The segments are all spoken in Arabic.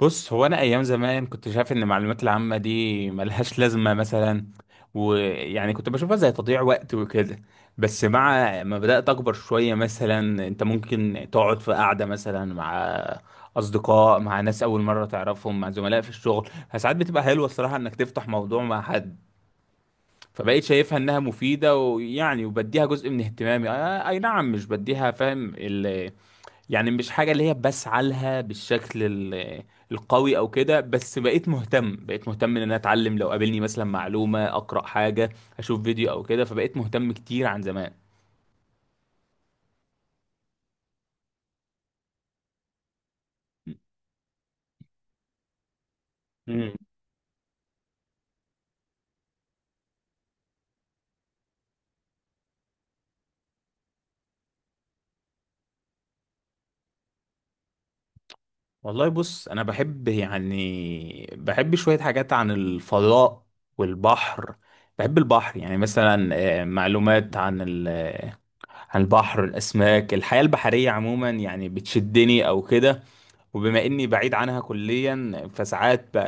بص، هو انا ايام زمان كنت شايف ان المعلومات العامه دي ملهاش لازمه مثلا، ويعني كنت بشوفها زي تضييع وقت وكده. بس مع ما بدات اكبر شويه، مثلا انت ممكن تقعد في قعده مثلا مع اصدقاء، مع ناس اول مره تعرفهم، مع زملاء في الشغل، فساعات بتبقى حلوه الصراحه انك تفتح موضوع مع حد. فبقيت شايفها انها مفيده، ويعني وبديها جزء من اهتمامي، اي نعم، مش بديها فاهم. يعني مش حاجة اللي هي بسعى لها بالشكل القوي او كده، بس بقيت مهتم ان انا اتعلم، لو قابلني مثلا معلومة اقرأ حاجة اشوف فيديو او كده، فبقيت مهتم كتير عن زمان. مم. والله بص انا بحب، يعني بحب شوية حاجات عن الفضاء والبحر. بحب البحر يعني مثلا، معلومات عن عن البحر، الاسماك، الحياة البحرية عموما، يعني بتشدني او كده. وبما اني بعيد عنها كليا فساعات ب...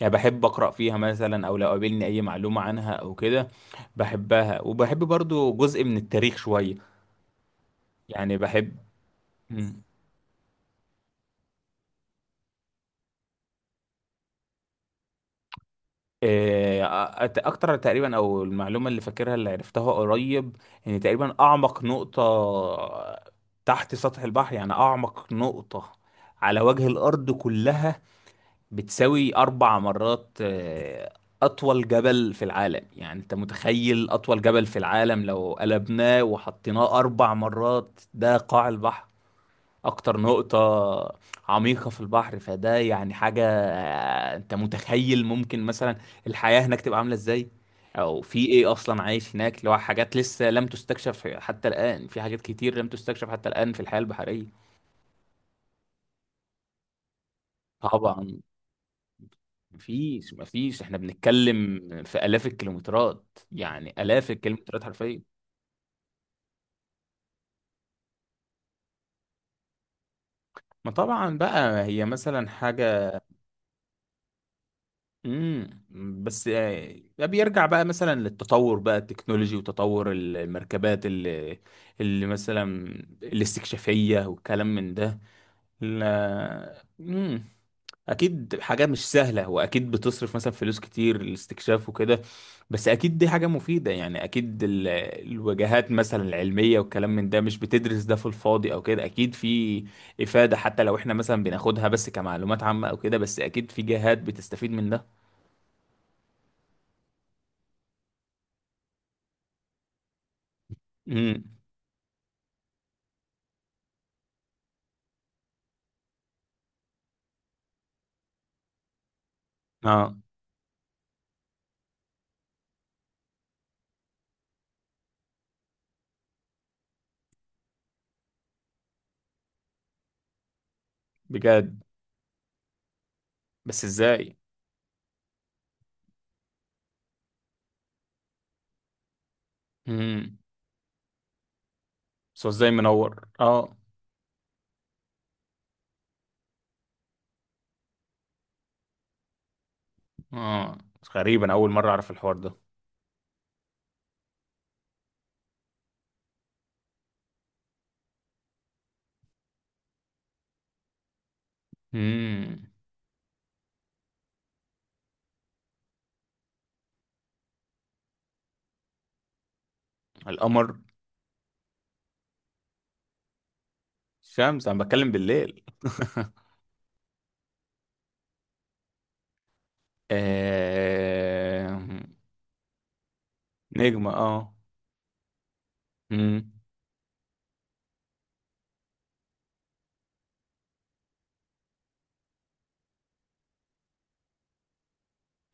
يعني بحب اقرا فيها مثلا، او لو قابلني اي معلومه عنها او كده بحبها. وبحب برضو جزء من التاريخ شويه، يعني بحب. مم. إيه، اكتر تقريبا، او المعلومه اللي فاكرها اللي عرفتها قريب، ان تقريبا اعمق نقطه تحت سطح البحر، يعني اعمق نقطه على وجه الارض كلها بتساوي 4 مرات أطول جبل في العالم. يعني أنت متخيل أطول جبل في العالم لو قلبناه وحطيناه 4 مرات ده قاع البحر، أكتر نقطة عميقة في البحر. فده يعني حاجة، أنت متخيل ممكن مثلا الحياة هناك تبقى عاملة إزاي؟ أو في إيه أصلا عايش هناك، اللي هو حاجات لسه لم تستكشف حتى الآن، في حاجات كتير لم تستكشف حتى الآن في الحياة البحرية. طبعا مفيش، احنا بنتكلم في آلاف الكيلومترات، يعني آلاف الكيلومترات حرفيا. ما طبعا بقى هي مثلا حاجة. امم. بس ده بيرجع بقى مثلا للتطور بقى التكنولوجي، وتطور المركبات اللي مثلا الاستكشافية والكلام من ده. لا. مم. اكيد حاجه مش سهله، واكيد بتصرف مثلا فلوس كتير الاستكشاف وكده، بس اكيد دي حاجه مفيده. يعني اكيد الوجهات مثلا العلميه والكلام من ده مش بتدرس ده في الفاضي او كده، اكيد في افاده حتى لو احنا مثلا بناخدها بس كمعلومات عامه او كده، بس اكيد في جهات بتستفيد من ده. امم. اه. بجد. بس ازاي؟ امم. بس هو ازاي منور؟ اه. اه، غريب انا اول مره اعرف الحوار ده. امم. القمر. شمس، انا بتكلم بالليل. آه... نجمة. اه. مم.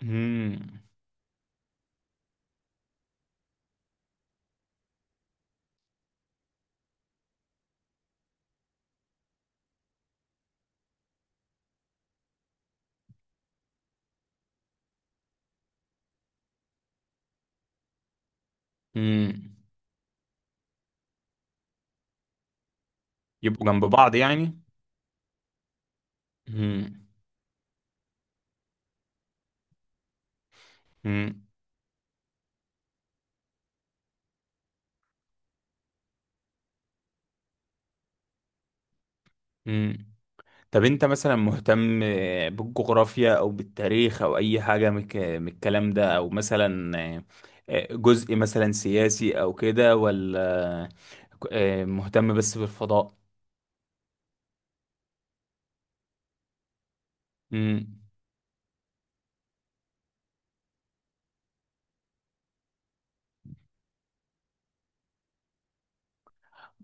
مم. مم. يبقوا جنب بعض يعني. مم. مم. مم. طب انت مثلا مهتم بالجغرافيا او بالتاريخ او اي حاجة من من الكلام ده، او مثلا جزء مثلا سياسي او كده، ولا مهتم بس بالفضاء؟ مم.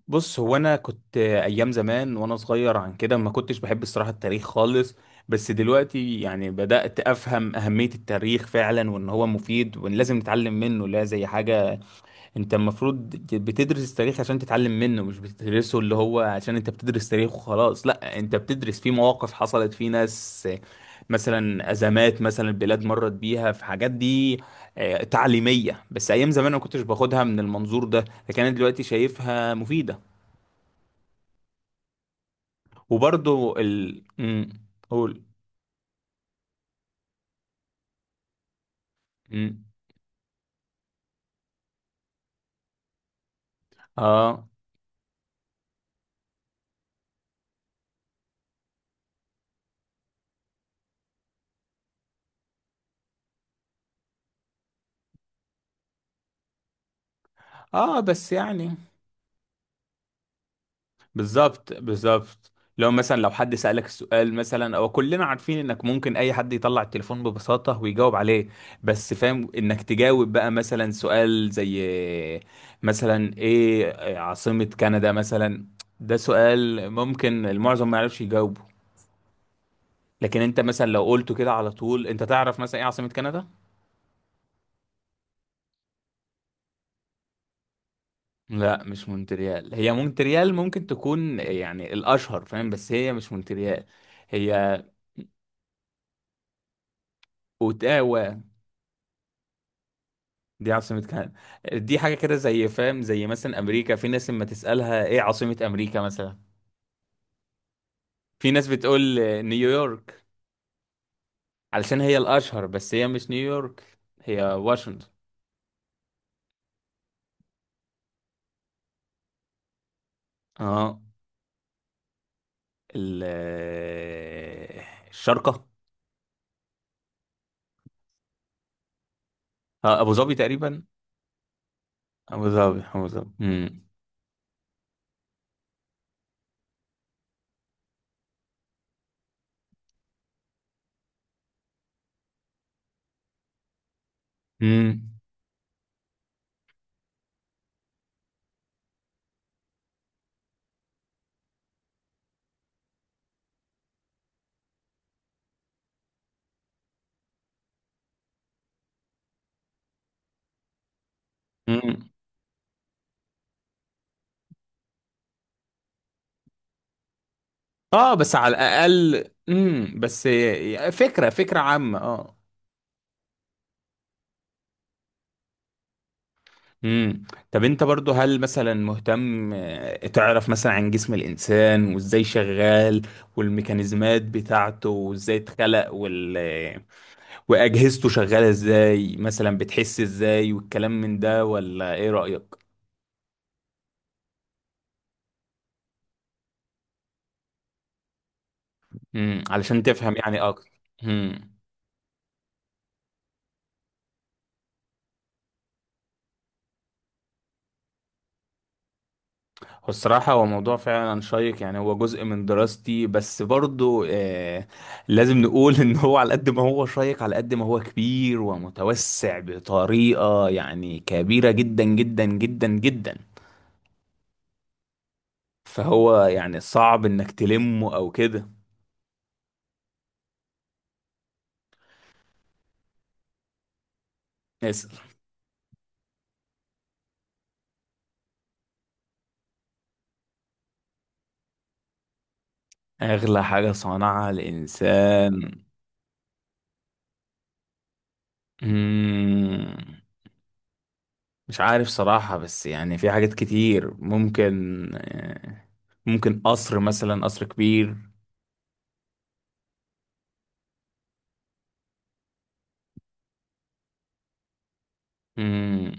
بص هو انا كنت ايام زمان وانا صغير عن كده ما كنتش بحب الصراحه التاريخ خالص، بس دلوقتي يعني بدات افهم اهميه التاريخ فعلا، وان هو مفيد، وان لازم نتعلم منه، لا زي حاجه. انت المفروض بتدرس التاريخ عشان تتعلم منه، مش بتدرسه اللي هو عشان انت بتدرس تاريخ وخلاص، لا انت بتدرس فيه مواقف حصلت، فيه ناس مثلا ازمات مثلا البلاد مرت بيها، في حاجات دي تعليميه. بس ايام زمان ما كنتش باخدها من المنظور ده، لكن انا دلوقتي شايفها مفيده. وبرضو مم. قول. مم. اه. اه، بس يعني، بالظبط بالظبط. لو حد سألك السؤال مثلا، او كلنا عارفين انك ممكن اي حد يطلع التليفون ببساطة ويجاوب عليه، بس فاهم انك تجاوب بقى مثلا سؤال زي مثلا ايه عاصمة كندا مثلا. ده سؤال ممكن المعظم ما يعرفش يجاوبه، لكن انت مثلا لو قلته كده على طول انت تعرف مثلا ايه عاصمة كندا. لا مش مونتريال، هي مونتريال ممكن تكون يعني الأشهر فاهم، بس هي مش مونتريال. هي أوتاوا، دي عاصمة كندا. دي حاجة كده زي فاهم زي مثلا أمريكا، في ناس لما تسألها إيه عاصمة أمريكا مثلا، في ناس بتقول نيويورك علشان هي الأشهر، بس هي مش نيويورك، هي واشنطن. اه. ال الشارقة. أبو ظبي تقريبا. أبو ظبي أبو ظبي. امم. امم، اه، بس على الاقل. امم، بس فكره عامه، اه. امم. طب انت برضو هل مثلا مهتم تعرف مثلا عن جسم الانسان وازاي شغال، والميكانيزمات بتاعته، وازاي اتخلق وال... آه، واجهزته شغاله ازاي، مثلا بتحس ازاي، والكلام من ده، ولا ايه رايك؟ امم، علشان تفهم يعني اكتر. امم. هو الصراحة هو موضوع فعلا شيق، يعني هو جزء من دراستي، بس برضو لازم نقول ان هو على قد ما هو شيق على قد ما هو كبير ومتوسع بطريقة يعني كبيرة جدا جدا جدا جدا. فهو يعني صعب انك تلمه او كده. اسأل. اغلى حاجة صنعها الانسان؟ مم، مش عارف صراحة، بس يعني في حاجات كتير ممكن قصر مثلا، قصر كبير. مم.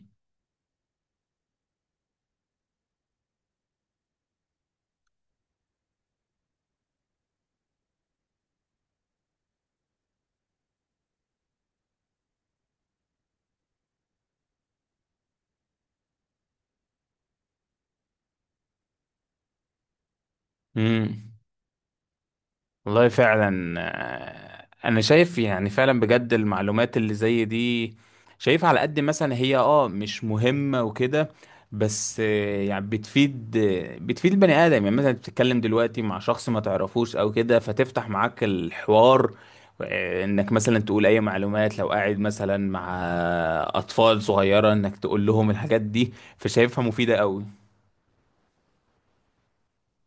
امم. والله فعلا، انا شايف يعني فعلا بجد المعلومات اللي زي دي، شايف على قد مثلا هي مش مهمة وكده، بس يعني بتفيد البني ادم. يعني مثلا بتتكلم دلوقتي مع شخص ما تعرفوش او كده فتفتح معاك الحوار، انك مثلا تقول اي معلومات، لو قاعد مثلا مع اطفال صغيرة انك تقول لهم الحاجات دي. فشايفها مفيدة قوي.